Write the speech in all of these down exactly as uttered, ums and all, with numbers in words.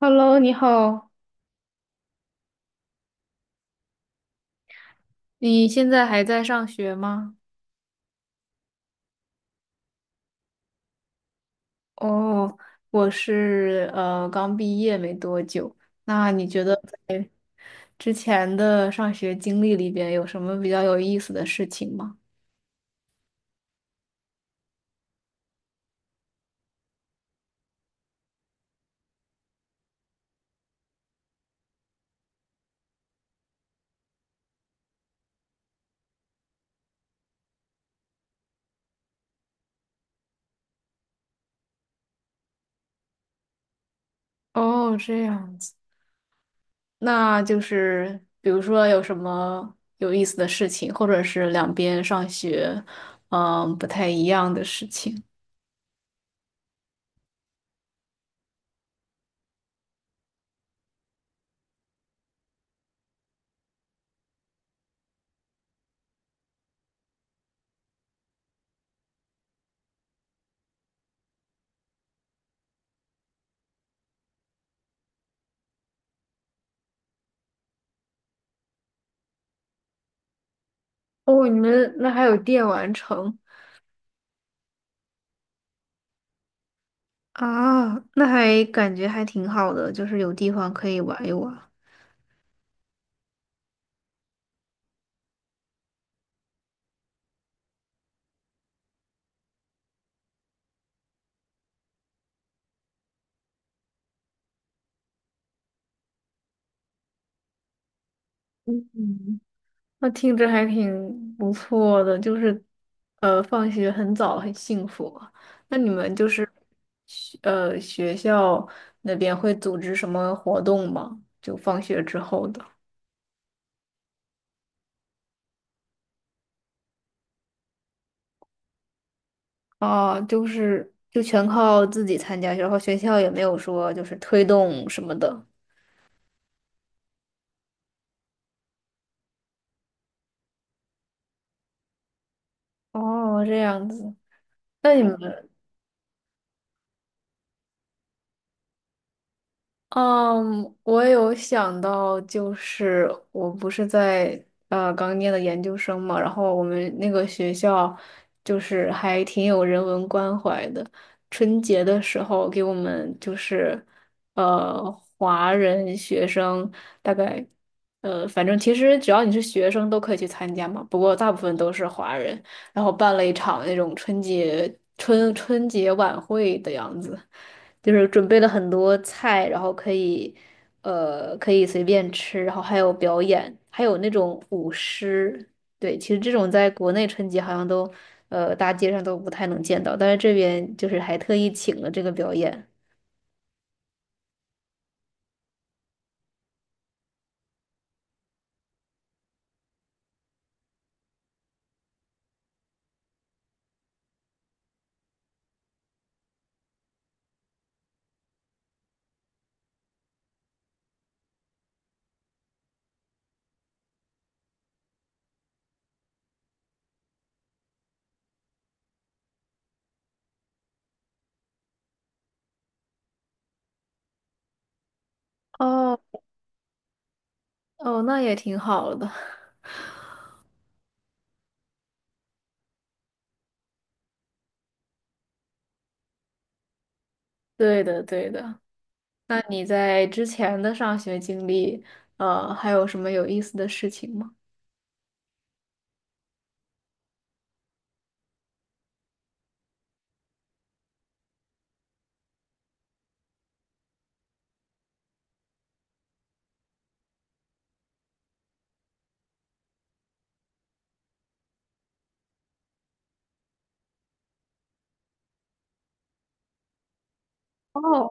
Hello，你好，你现在还在上学吗？哦，我是呃刚毕业没多久。那你觉得之前的上学经历里边有什么比较有意思的事情吗？哦，这样子，那就是比如说有什么有意思的事情，或者是两边上学嗯不太一样的事情。哦，你们那还有电玩城啊？那还感觉还挺好的，就是有地方可以玩一玩。嗯，那听着还挺不错的，就是，呃，放学很早，很幸福啊。那你们就是，学呃，学校那边会组织什么活动吗？就放学之后的。啊，就是就全靠自己参加，然后学校也没有说就是推动什么的。哦，这样子。那你们嗯，我有想到，就是我不是在呃刚念的研究生嘛，然后我们那个学校就是还挺有人文关怀的。春节的时候给我们就是呃华人学生大概呃反正其实只要你是学生都可以去参加嘛，不过大部分都是华人，然后办了一场那种春节春春节晚会的样子。就是准备了很多菜，然后可以，呃，可以随便吃，然后还有表演，还有那种舞狮。对，其实这种在国内春节好像都，呃，大街上都不太能见到，但是这边就是还特意请了这个表演。哦哦，那也挺好的。对的，对的。那你在之前的上学经历，呃，还有什么有意思的事情吗？哦，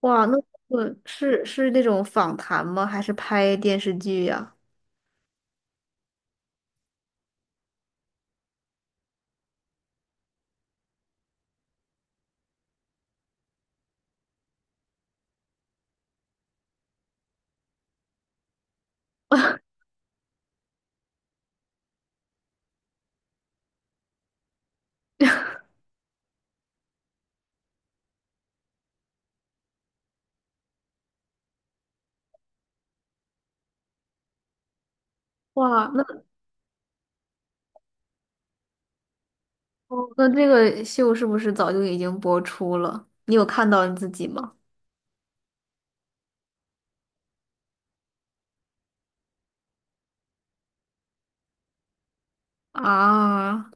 哇，那呃是是那种访谈吗？还是拍电视剧呀？哇，那哦那这个秀是不是早就已经播出了？你有看到你自己吗？啊，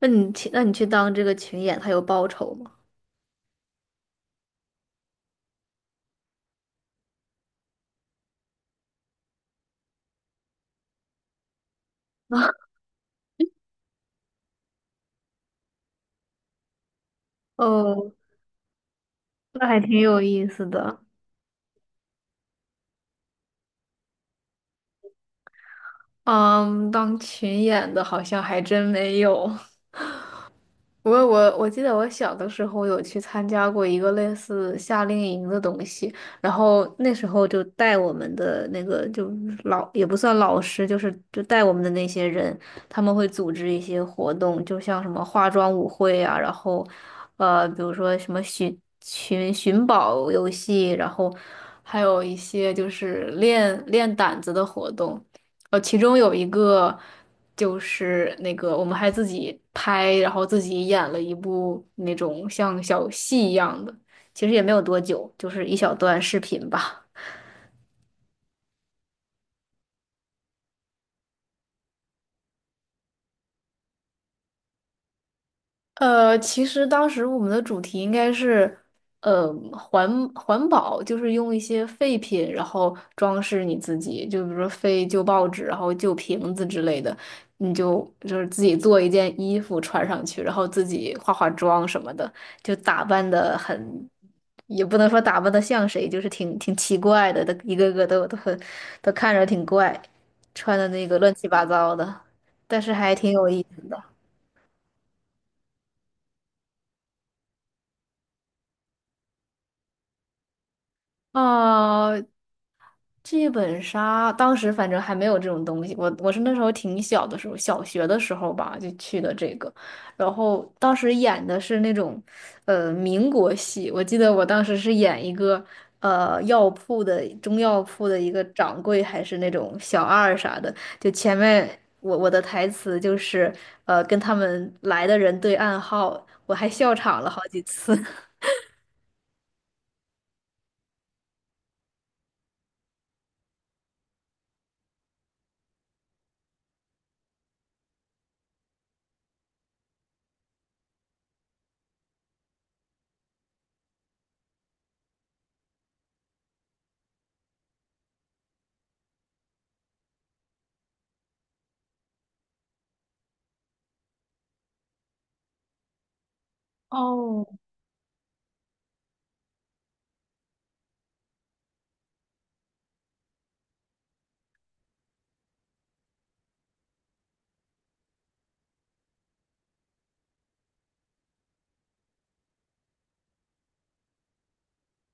那你去，那你去当这个群演，他有报酬吗？哦，那还挺有意思的。嗯，当群演的好像还真没有。我我我记得我小的时候有去参加过一个类似夏令营的东西，然后那时候就带我们的那个就老也不算老师，就是就带我们的那些人，他们会组织一些活动，就像什么化妆舞会啊，然后呃比如说什么寻寻寻宝游戏，然后还有一些就是练练胆子的活动。呃，其中有一个就是那个我们还自己拍，然后自己演了一部那种像小戏一样的，其实也没有多久，就是一小段视频吧。呃，其实当时我们的主题应该是，呃，环环保，就是用一些废品，然后装饰你自己，就比如说废旧报纸，然后旧瓶子之类的，你就就是自己做一件衣服穿上去，然后自己化化妆什么的，就打扮的很，也不能说打扮的像谁，就是挺挺奇怪的，都一个个都都很都看着挺怪，穿的那个乱七八糟的，但是还挺有意思的。哦，剧本杀当时反正还没有这种东西，我我是那时候挺小的时候，小学的时候吧就去的这个，然后当时演的是那种，呃，民国戏，我记得我当时是演一个呃药铺的中药铺的一个掌柜，还是那种小二啥的，就前面我我的台词就是呃跟他们来的人对暗号，我还笑场了好几次。哦，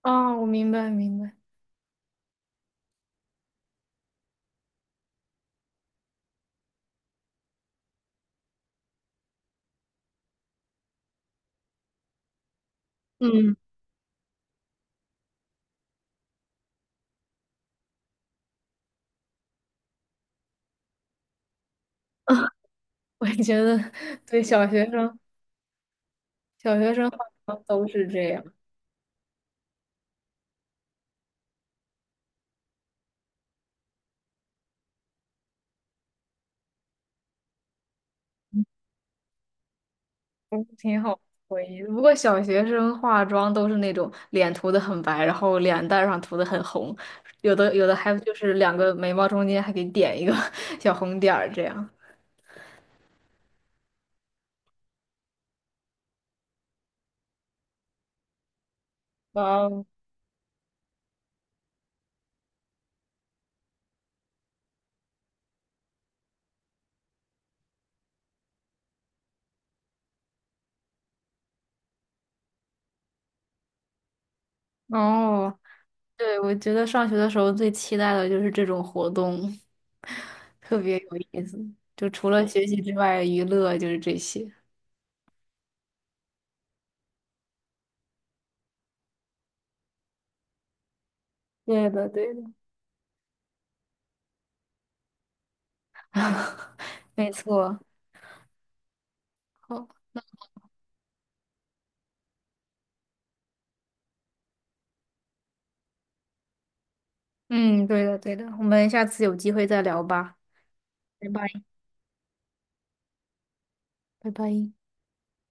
啊，我明白明白。嗯。我也觉得对小学生，小学生化妆都是这样，嗯，挺好回忆的不过小学生化妆都是那种脸涂的很白，然后脸蛋儿上涂的很红，有的有的还就是两个眉毛中间还给点一个 小红点儿这样。哇哦，哦，对，我觉得上学的时候最期待的就是这种活动，特别有意思。就除了学习之外，娱乐就是这些。对的，对的，没错。好嗯，对的，对的，我们下次有机会再聊吧，拜拜，拜拜。